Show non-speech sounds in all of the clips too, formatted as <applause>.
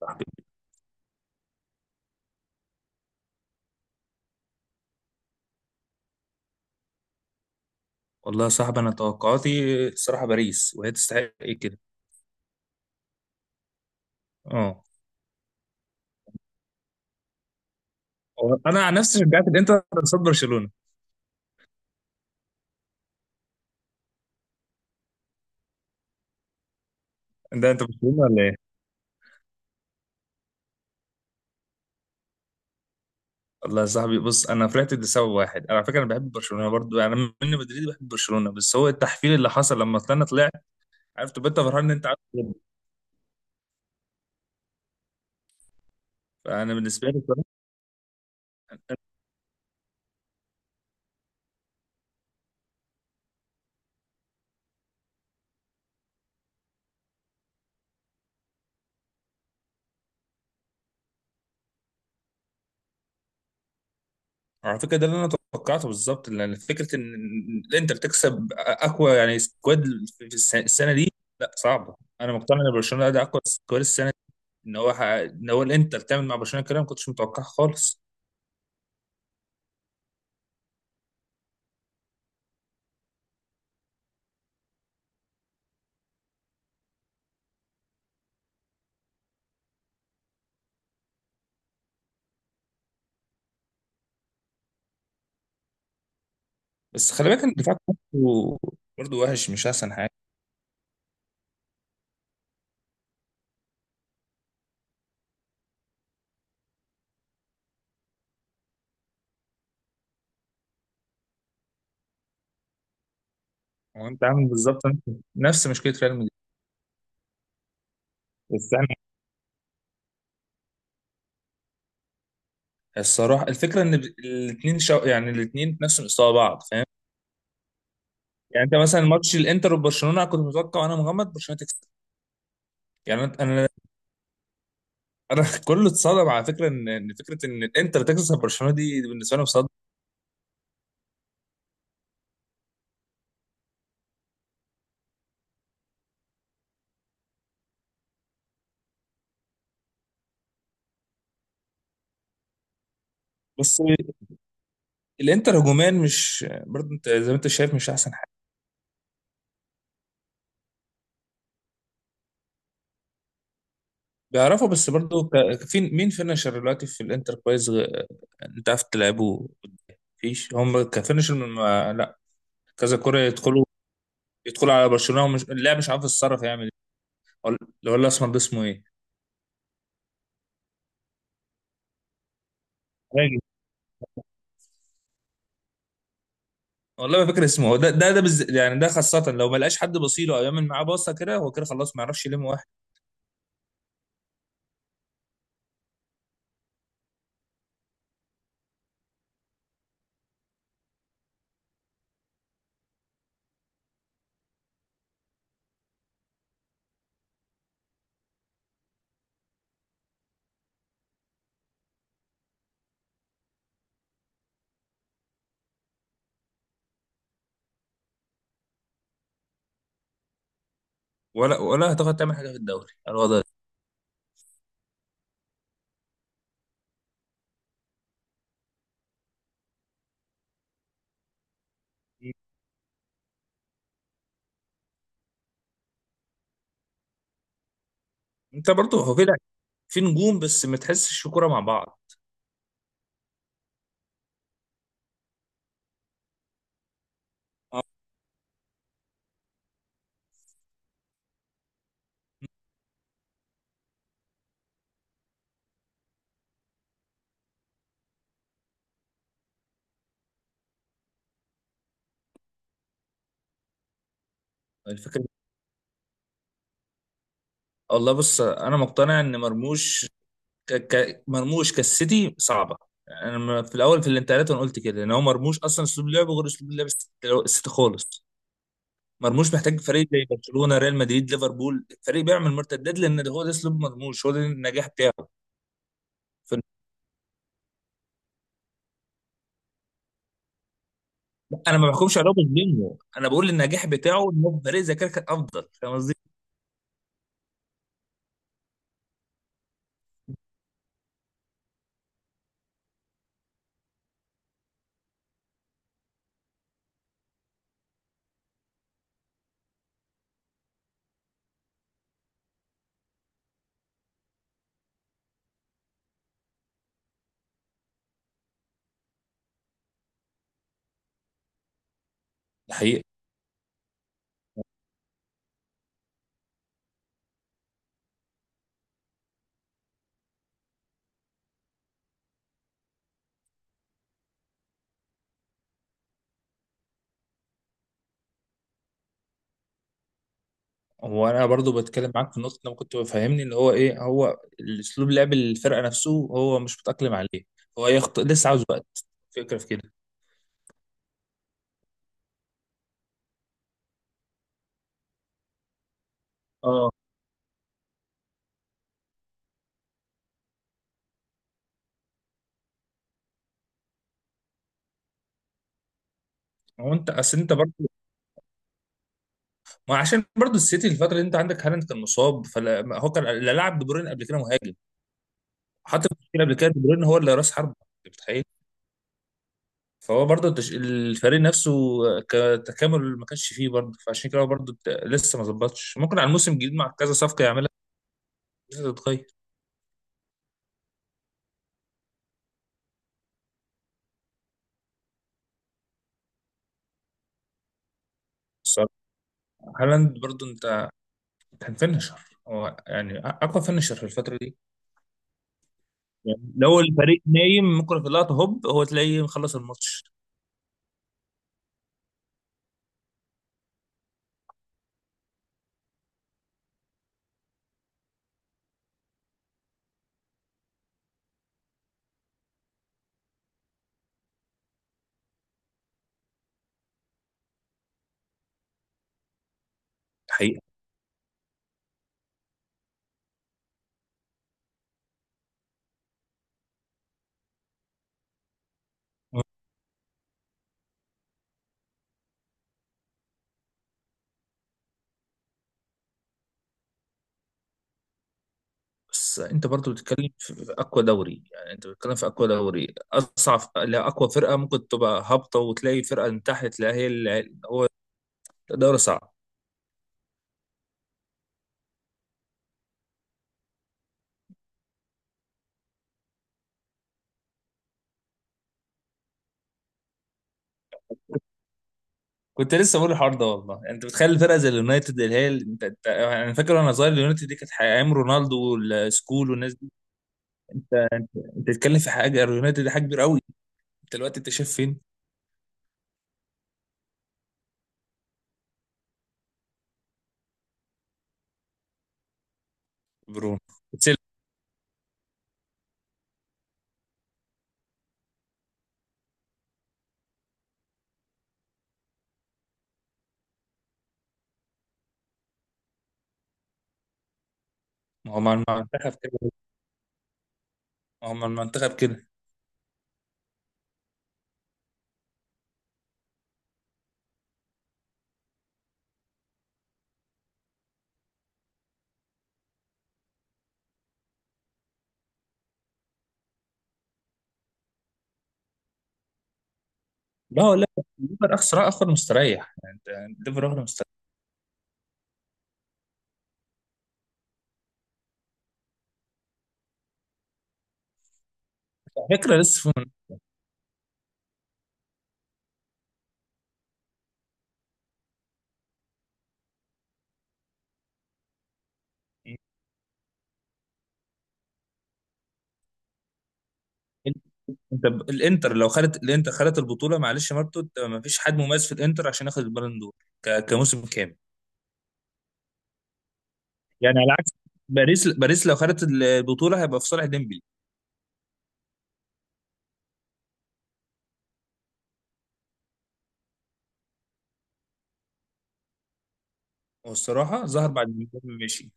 صاحبي. والله يا صاحبي انا توقعاتي الصراحه باريس وهي تستحق، ايه كده. اه، هو انا عن نفسي شجعت الانتر قصاد برشلونه. ده انت برشلونه ولا ايه؟ والله يا صاحبي، بص انا فرحت لسبب واحد. انا على فكره انا بحب برشلونه برضو، يعني انا من مدريد بحب برشلونه، بس هو التحفيل اللي حصل لما طلعنا طلع. عرفت تبقى انت فرحان ان انت عارف تكسب. فانا بالنسبه لي على فكره ده اللي انا توقعته بالظبط، لان فكره ان الانتر تكسب اقوى يعني سكواد في السنه دي لا صعبه. انا مقتنع ان برشلونه ده اقوى سكواد السنه. ان هو ان هو الانتر تعمل مع برشلونه كده ما كنتش متوقعها خالص. بس خلي بالك ان الدفاع برضه، وحش، مش احسن حاجه. هو انت عامل بالظبط نفس مشكله ريال مدريد. بس انا الصراحه الفكره ان الاثنين يعني الاثنين نفس مستوى بعض، فاهم؟ يعني انت مثلا ماتش الانتر وبرشلونه كنت متوقع انا مغمض برشلونه تكسب. يعني انا أنا <laughs> كله اتصدم على فكره ان إن فكره ان الانتر تكسب برشلونه دي بالنسبه لهم صدمه. بس الانتر هجوميا مش برضه، انت زي ما انت شايف مش احسن. بيعرفوا بس برضو في مين فينشر دلوقتي في الانتر كويس انت عارف تلعبوا؟ مفيش، هم كفينشر ما... لا، كذا كرة يدخلوا، يدخلوا على برشلونة ومش اللاعب مش عارف يتصرف يعمل ايه. ولا ولا الاسمر ده اسمه ايه؟ راجل. والله ما فاكر اسمه. هو ده يعني ده خاصة لو ما لقاش حد بصيله او يعمل معاه باصة، كده هو كده خلاص ما يعرفش يلم واحد. ولا هتاخد تعمل حاجة في الدوري الوضع ده. انت برضو هو كده في نجوم بس ما تحسش في كوره مع بعض. اه، الفكره والله بص انا مقتنع ان مرموش مرموش كالسيتي صعبه. يعني انا في الاول في الانتقالات انا قلت كده، ان هو مرموش اصلا اسلوب لعبه غير اسلوب لعب السيتي خالص. مرموش محتاج فريق زي برشلونه، ريال مدريد، ليفربول، فريق بيعمل مرتدات، لان ده هو ده اسلوب مرموش، هو ده النجاح بتاعه. ف- انا ما بحكمش عليه بظلمه، انا بقول النجاح بتاعه ان هو فريق زي كده كان افضل. فاهم قصدي؟ حقيقة. هو انا برضو بتكلم معاك في نقطه، لما كنت بفهمني اللي هو ايه هو الاسلوب لعب الفرقه نفسه هو مش متاقلم عليه. هو لسه عاوز وقت. فكره في كده. هو انت اصل انت برضه ما عشان برضه السيتي الفتره دي انت عندك هالاند كان مصاب، فلا ما هو كان لا لعب بدورين قبل كده مهاجم. حتى في المشكله قبل كده بدورين هو اللي راس حربه. انت متخيل؟ فهو برضه الفريق نفسه كتكامل ما كانش فيه برضه. فعشان كده هو برضه لسه ما ظبطش، ممكن على الموسم الجديد مع كذا صفقه يعملها لسه تتغير. الصراحه هالاند برضه، انت كان فينشر، هو يعني اقوى فينشر في الفتره دي. يعني لو الفريق نايم، ممكن في اللقطه هوب هو تلاقيه مخلص الماتش. حقيقة. بس انت برضو بتتكلم في اقوى دوري، يعني انت بتتكلم في اقوى دوري اصعب. لا، اقوى فرقه ممكن تبقى هابطه وتلاقي فرقه من تحت تلاقي هي اللي هو دوري صعب. كنت لسه بقول الحوار ده والله. يعني انت بتخيل فرقه زي اليونايتد، اللي هي انت انا فاكر وانا صغير اليونايتد دي كانت ايام رونالدو والسكول والناس دي. انت انت بتتكلم في حاجه، اليونايتد دي حاجه كبيره قوي. انت دلوقتي انت شايف فين؟ برونو اتسلم. ما هو مع المنتخب كده. ما هو مع المنتخب كده. لا لا، الليفر اخسر اخر مستريح. يعني انت الليفر اخر مستريح. على فكره لسه في. انت الانتر لو خدت الانتر خدت البطوله، معلش يا مارتو، انت ما فيش حد مميز في الانتر عشان ياخد البالون دور كموسم كامل. يعني على عكس باريس، باريس لو خدت البطوله هيبقى في صالح ديمبلي. والصراحه ظهر بعد ما ديمبلي مشي.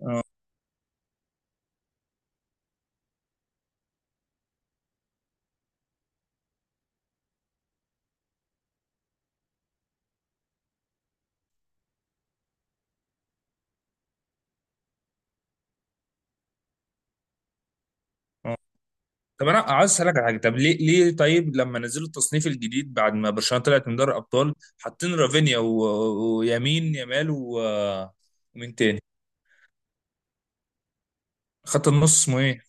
اه اه. طب انا عايز اسالك على حاجه. طب ليه، طيب لما نزلوا التصنيف الجديد بعد ما برشلونه طلعت من دوري الابطال، حاطين رافينيا ويمين يامال ومين تاني خط النص اسمه ايه؟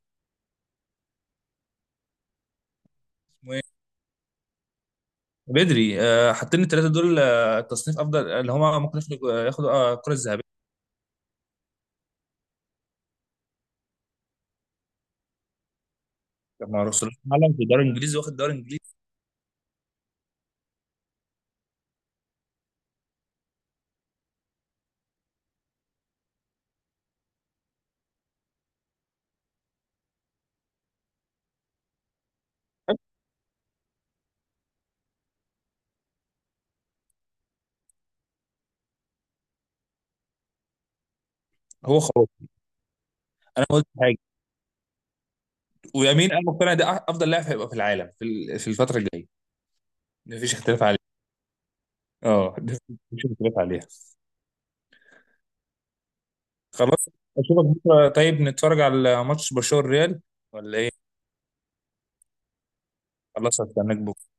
بدري. حاطين الثلاثه دول تصنيف افضل، اللي هم ممكن ياخدوا، الكره الذهبيه مع رسول العالم في الدوري الانجليزي، واخد الدوري الانجليزي. هو خلاص، انا ما قلت حاجه. ويمين انا مقتنع ده افضل لاعب هيبقى في العالم في في الفتره الجايه. مفيش اختلاف عليه. اه ده مفيش اختلاف عليها. خلاص. اشوفك بكره طيب، نتفرج على ماتش برشلونه الريال ولا ايه؟ خلاص، هستناك بكره.